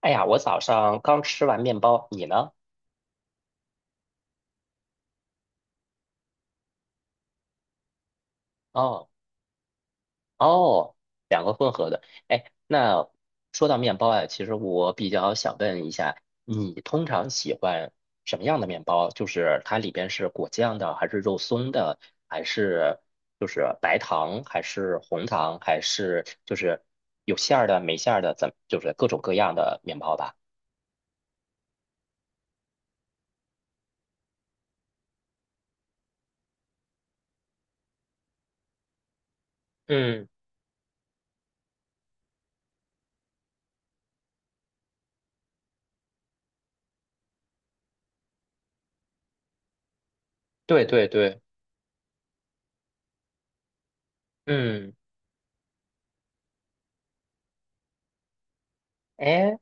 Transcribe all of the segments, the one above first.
哎呀，我早上刚吃完面包，你呢？哦哦，两个混合的。哎，那说到面包啊，其实我比较想问一下，你通常喜欢什么样的面包？就是它里边是果酱的，还是肉松的，还是就是白糖，还是红糖，还是就是有馅儿的、没馅儿的，怎就是各种各样的面包吧？嗯，对对对，嗯，哎，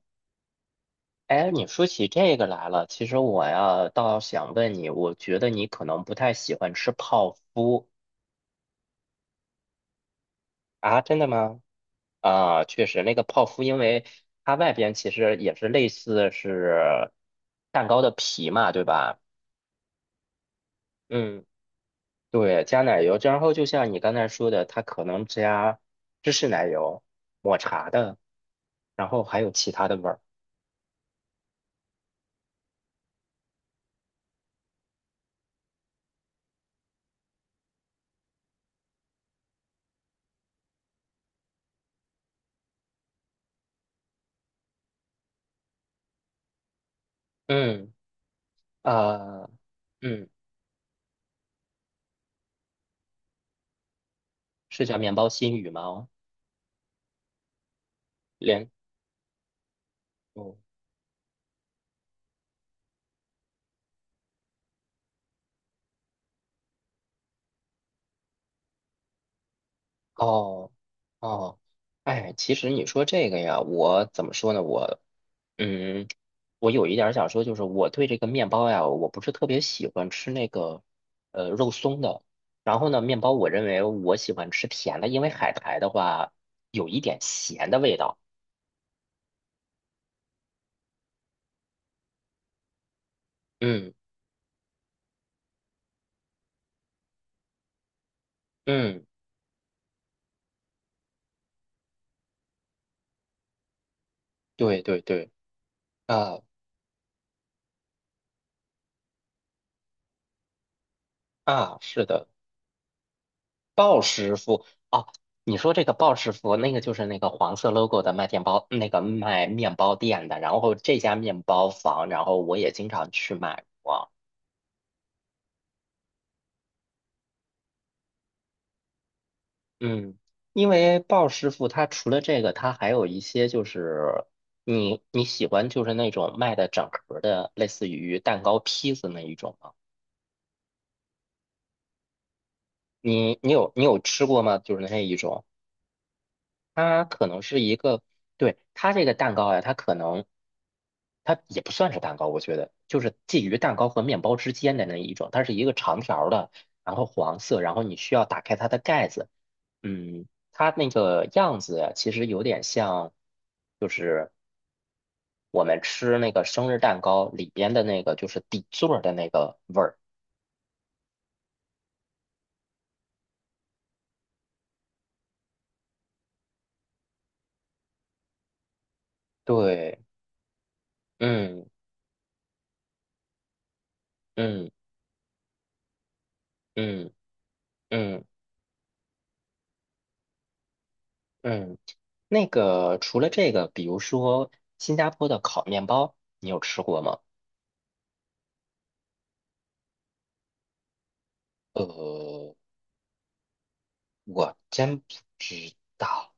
哎，你说起这个来了，其实我呀倒想问你，我觉得你可能不太喜欢吃泡芙啊，真的吗？啊，确实，那个泡芙，因为它外边其实也是类似是蛋糕的皮嘛，对吧？嗯，对，加奶油，然后就像你刚才说的，它可能加芝士奶油、抹茶的，然后还有其他的味儿。嗯，啊，嗯，是叫面包新语吗？哦连。哦。哦，哦，哎，其实你说这个呀，我怎么说呢？我，嗯，我有一点儿想说，就是我对这个面包呀，我不是特别喜欢吃那个，肉松的。然后呢，面包我认为我喜欢吃甜的，因为海苔的话有一点咸的味道。嗯嗯，对对对，啊啊，是的。鲍师傅哦，你说这个鲍师傅，那个就是那个黄色 logo 的卖面包，那个卖面包店的。然后这家面包房，然后我也经常去买过。嗯，因为鲍师傅他除了这个，他还有一些就是你喜欢就是那种卖的整盒的，类似于蛋糕、披子那一种吗？你有吃过吗？就是那一种。它可能是一个，对，它这个蛋糕呀，它可能，它也不算是蛋糕，我觉得就是介于蛋糕和面包之间的那一种，它是一个长条儿的，然后黄色，然后你需要打开它的盖子，嗯，它那个样子呀其实有点像，就是我们吃那个生日蛋糕里边的那个，就是底座儿的那个味儿，对，嗯嗯嗯嗯嗯嗯。那个除了这个，比如说新加坡的烤面包，你有吃过吗？呃，我真不知道，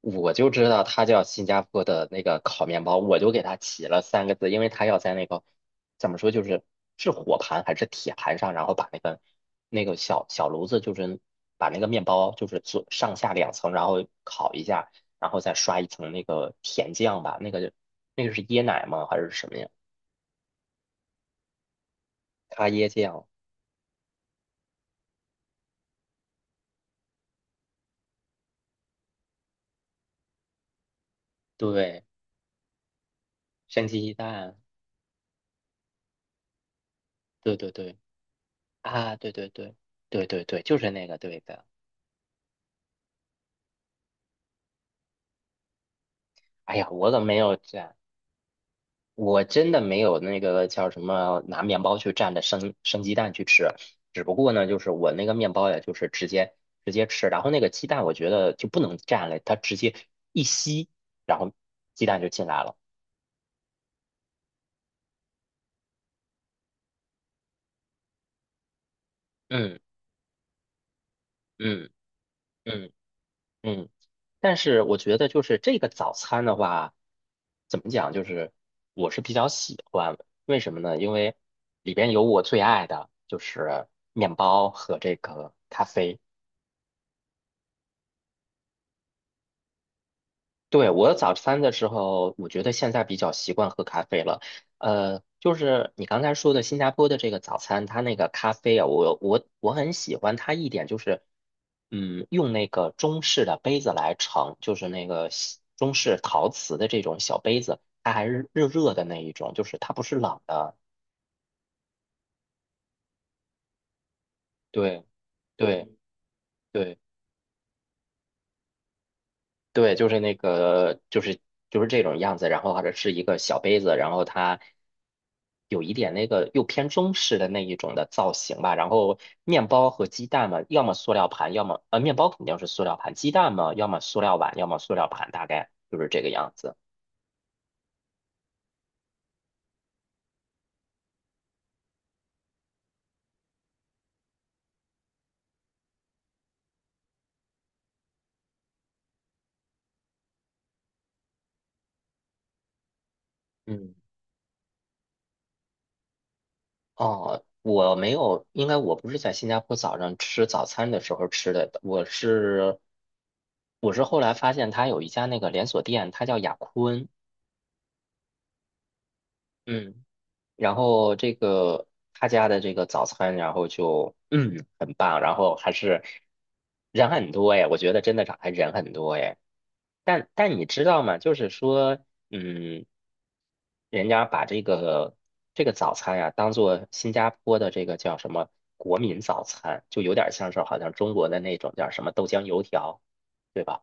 我就知道它叫新加坡的那个烤面包，我就给它起了3个字，因为它要在那个怎么说，就是是火盘还是铁盘上，然后把那个那个小小炉子，就是把那个面包就是做上下两层，然后烤一下，然后再刷一层那个甜酱吧，那个那个是椰奶吗？还是什么呀？咖椰酱。对，生鸡蛋，对对对，啊，对对对，对对对，就是那个，对的。哎呀，我怎么没有蘸？我真的没有那个叫什么拿面包去蘸着生鸡蛋去吃，只不过呢，就是我那个面包呀，就是直接吃，然后那个鸡蛋我觉得就不能蘸了，它直接一吸，然后鸡蛋就进来了。嗯嗯嗯嗯，但是我觉得就是这个早餐的话，怎么讲，就是我是比较喜欢，为什么呢？因为里边有我最爱的，就是面包和这个咖啡。对，我早餐的时候，我觉得现在比较习惯喝咖啡了。就是你刚才说的新加坡的这个早餐，它那个咖啡啊，我很喜欢它一点就是，嗯，用那个中式的杯子来盛，就是那个西中式陶瓷的这种小杯子，它还是热热的那一种，就是它不是冷的。对对对。对，就是那个，就是这种样子，然后或者是一个小杯子，然后它有一点那个又偏中式的那一种的造型吧。然后面包和鸡蛋嘛，要么塑料盘，要么面包肯定是塑料盘，鸡蛋嘛，要么塑料碗，要么塑料盘，大概就是这个样子。嗯，哦，我没有，应该我不是在新加坡早上吃早餐的时候吃的，我是后来发现它有一家那个连锁店，它叫雅坤。嗯。然后这个他家的这个早餐，然后就 嗯很棒，然后还是人很多哎，我觉得真的是还人很多哎。但但你知道吗？就是说，嗯，人家把这个这个早餐呀、当做新加坡的这个叫什么国民早餐，就有点像是好像中国的那种叫什么豆浆油条，对吧？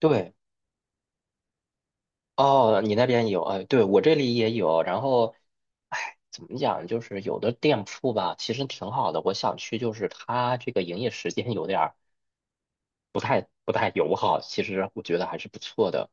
对，哦，你那边有，哎，对，我这里也有。然后，哎，怎么讲，就是有的店铺吧，其实挺好的。我想去，就是它这个营业时间有点儿不太友好，其实我觉得还是不错的。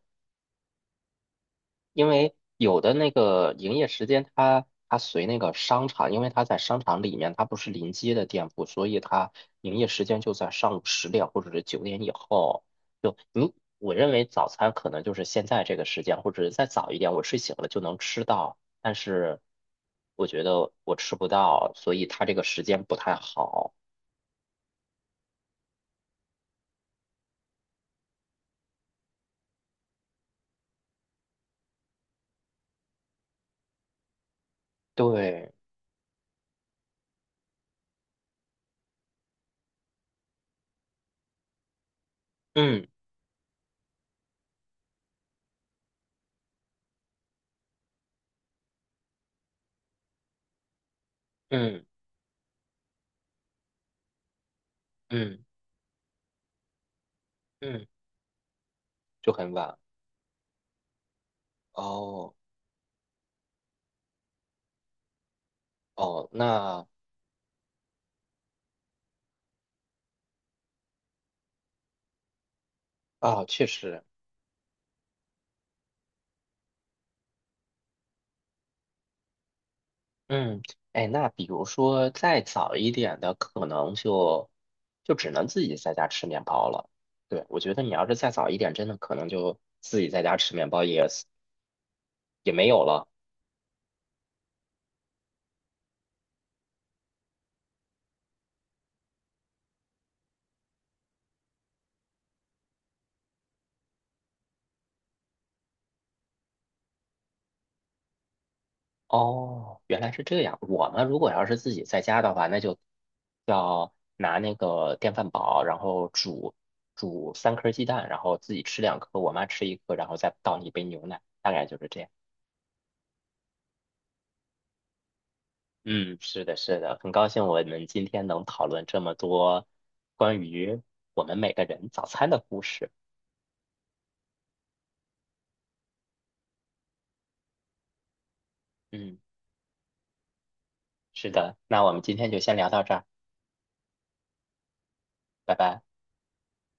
因为有的那个营业时间它，它随那个商场，因为它在商场里面，它不是临街的店铺，所以它营业时间就在上午10点或者是9点以后。就你，我认为早餐可能就是现在这个时间，或者是再早一点，我睡醒了就能吃到，但是我觉得我吃不到，所以它这个时间不太好。对，嗯嗯嗯嗯，就很晚。哦哦，那啊，确实。嗯，哎，那比如说再早一点的，可能就只能自己在家吃面包了。对，我觉得你要是再早一点，真的可能就自己在家吃面包也是也没有了。哦，原来是这样。我们如果要是自己在家的话，那就要拿那个电饭煲，然后煮3颗鸡蛋，然后自己吃2颗，我妈吃1颗，然后再倒1杯牛奶，大概就是这样。嗯，是的，是的，很高兴我们今天能讨论这么多关于我们每个人早餐的故事。嗯，是的，那我们今天就先聊到这儿，拜拜。